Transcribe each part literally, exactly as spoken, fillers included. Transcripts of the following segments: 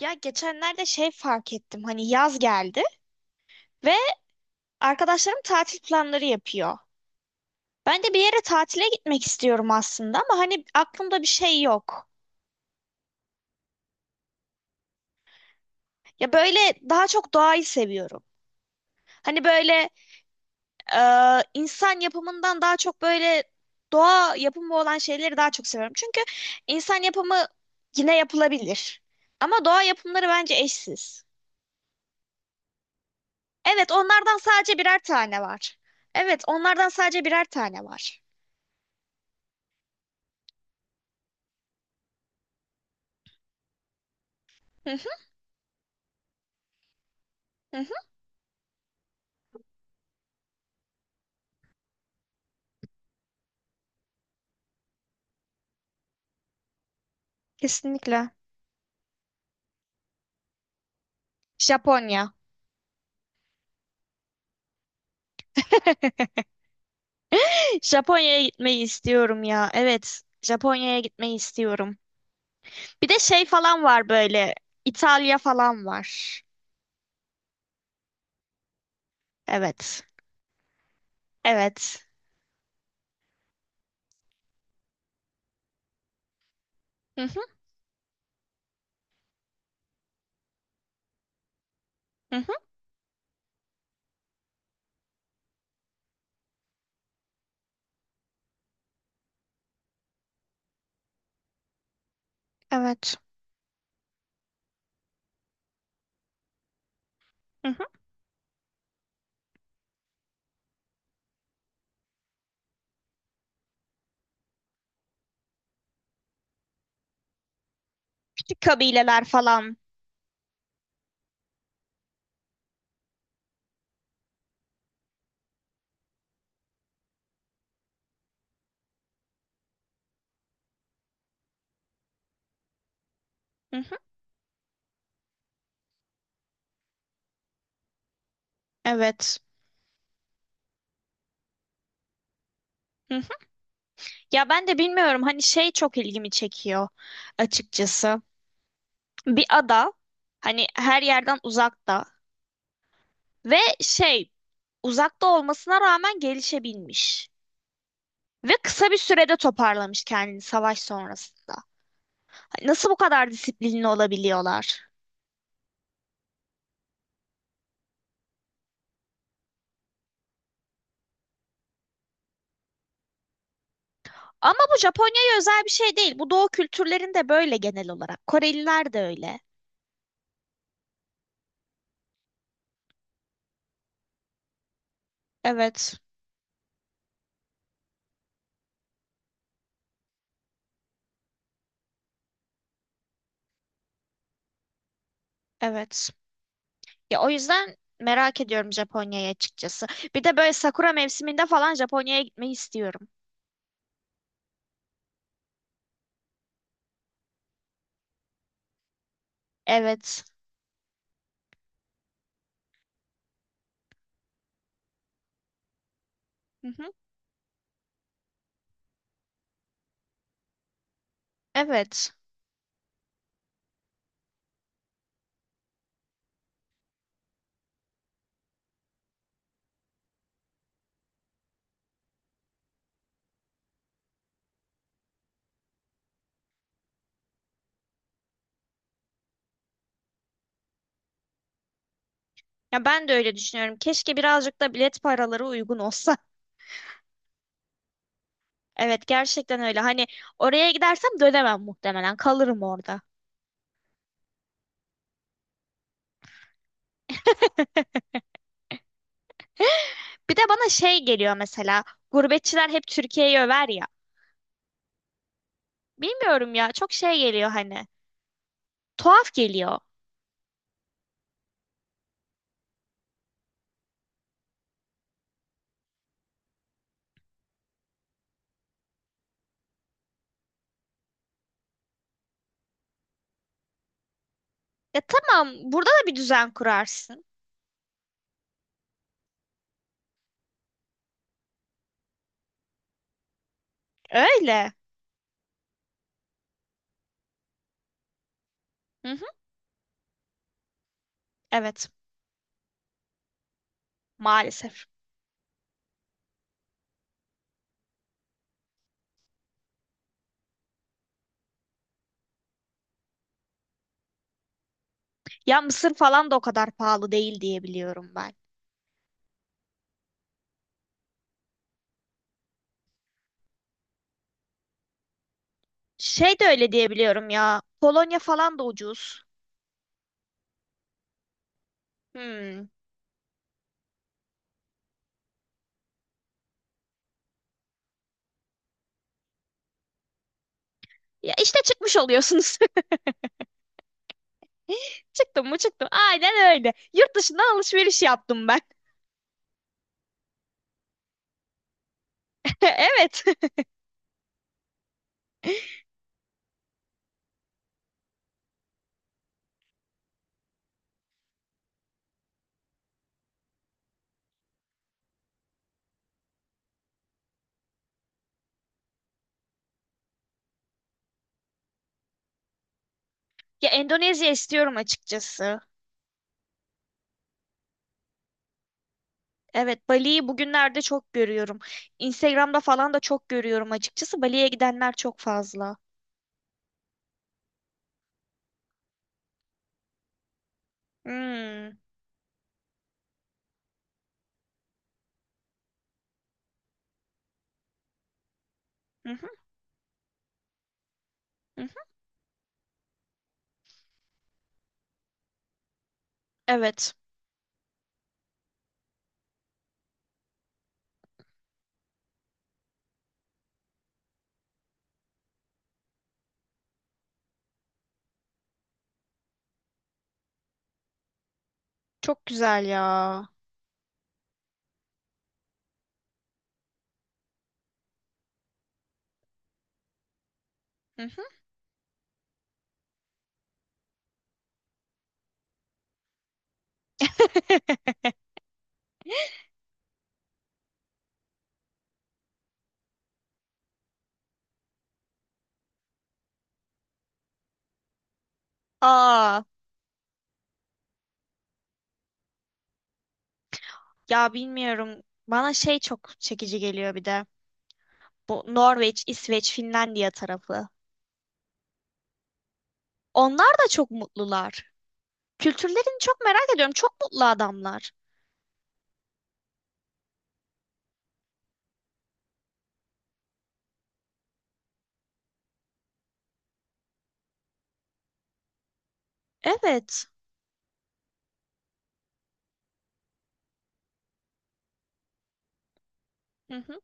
Ya geçenlerde şey fark ettim. Hani yaz geldi ve arkadaşlarım tatil planları yapıyor. Ben de bir yere tatile gitmek istiyorum aslında ama hani aklımda bir şey yok. Ya böyle daha çok doğayı seviyorum. Hani böyle e, insan yapımından daha çok böyle doğa yapımı olan şeyleri daha çok seviyorum. Çünkü insan yapımı yine yapılabilir. Ama doğa yapımları bence eşsiz. Evet, onlardan sadece birer tane var. Evet, onlardan sadece birer tane var. Hı hı, kesinlikle. Japonya. Japonya'ya gitmeyi istiyorum ya. Evet, Japonya'ya gitmeyi istiyorum. Bir de şey falan var böyle. İtalya falan var. Evet. Evet. Hı hı, hı hı, evet. Hı hı. Küçük kabileler falan. Hı hı, evet. Hı hı. Ya ben de bilmiyorum hani şey çok ilgimi çekiyor açıkçası. Bir ada hani her yerden uzakta ve şey uzakta olmasına rağmen gelişebilmiş. Ve kısa bir sürede toparlamış kendini savaş sonrasında. Hani nasıl bu kadar disiplinli olabiliyorlar? Ama bu Japonya'ya özel bir şey değil. Bu doğu kültürlerinde böyle genel olarak. Koreliler de öyle. Evet, evet. Ya o yüzden merak ediyorum Japonya'yı açıkçası. Bir de böyle sakura mevsiminde falan Japonya'ya gitmeyi istiyorum. Evet. Hı hı. Evet. Ya ben de öyle düşünüyorum. Keşke birazcık da bilet paraları uygun olsa. Evet, gerçekten öyle. Hani oraya gidersem dönemem muhtemelen. Kalırım orada. Bir de bana şey geliyor mesela. Gurbetçiler hep Türkiye'yi över ya. Bilmiyorum ya çok şey geliyor hani. Tuhaf geliyor. Ya tamam burada da bir düzen kurarsın. Öyle. Hı hı, evet maalesef. Ya Mısır falan da o kadar pahalı değil diye biliyorum ben. Şey de öyle diye biliyorum ya. Polonya falan da ucuz. Hmm. Ya işte çıkmış oluyorsunuz. Çıktım mı çıktım. Aynen öyle. Yurt dışından alışveriş yaptım ben. Evet. Ya Endonezya istiyorum açıkçası. Evet, Bali'yi bugünlerde çok görüyorum. Instagram'da falan da çok görüyorum açıkçası. Bali'ye gidenler çok fazla. Hmm. Hı hı, hı hı. Evet. Çok güzel ya. Hı hı. Aa, ya bilmiyorum. Bana şey çok çekici geliyor bir de. Bu Norveç, İsveç, Finlandiya tarafı. Onlar da çok mutlular. Kültürlerini çok merak ediyorum. Çok mutlu adamlar. Evet. Hı hı.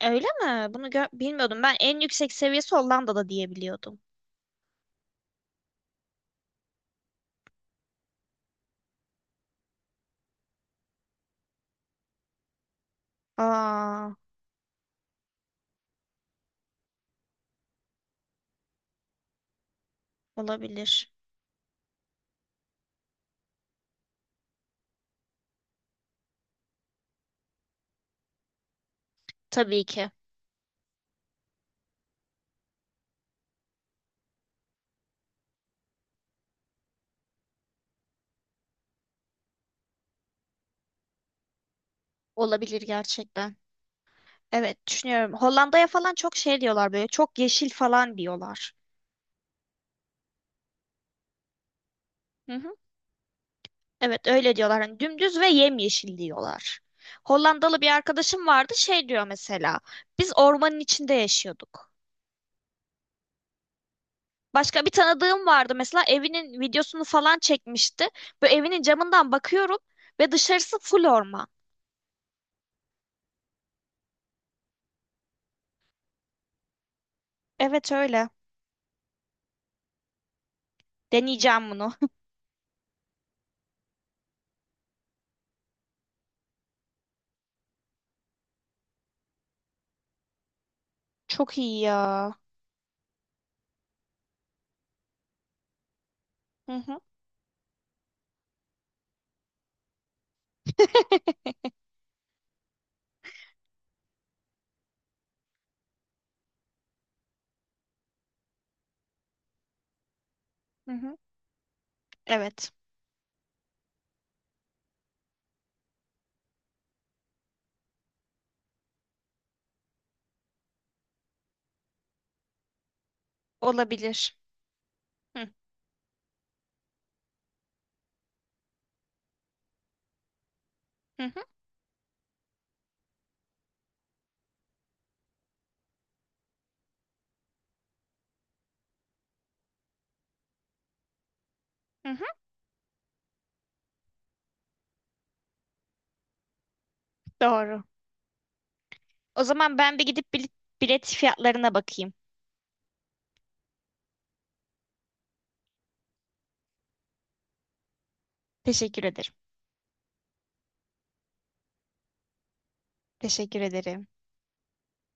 Öyle mi? Bunu gö- bilmiyordum. Ben en yüksek seviyesi Hollanda'da diyebiliyordum. Aa. Olabilir. Tabii ki. Olabilir gerçekten. Evet düşünüyorum. Hollanda'ya falan çok şey diyorlar böyle çok yeşil falan diyorlar. Hı hı. Evet öyle diyorlar. Hani dümdüz ve yemyeşil diyorlar. Hollandalı bir arkadaşım vardı şey diyor mesela. Biz ormanın içinde yaşıyorduk. Başka bir tanıdığım vardı mesela evinin videosunu falan çekmişti. Böyle evinin camından bakıyorum ve dışarısı full orman. Evet öyle. Deneyeceğim bunu. Çok iyi ya. Hı hı. Hı hı. Evet. Olabilir. Hı, hı hı, hı hı. Doğru. O zaman ben bir gidip bilet, bilet fiyatlarına bakayım. Teşekkür ederim. Teşekkür ederim.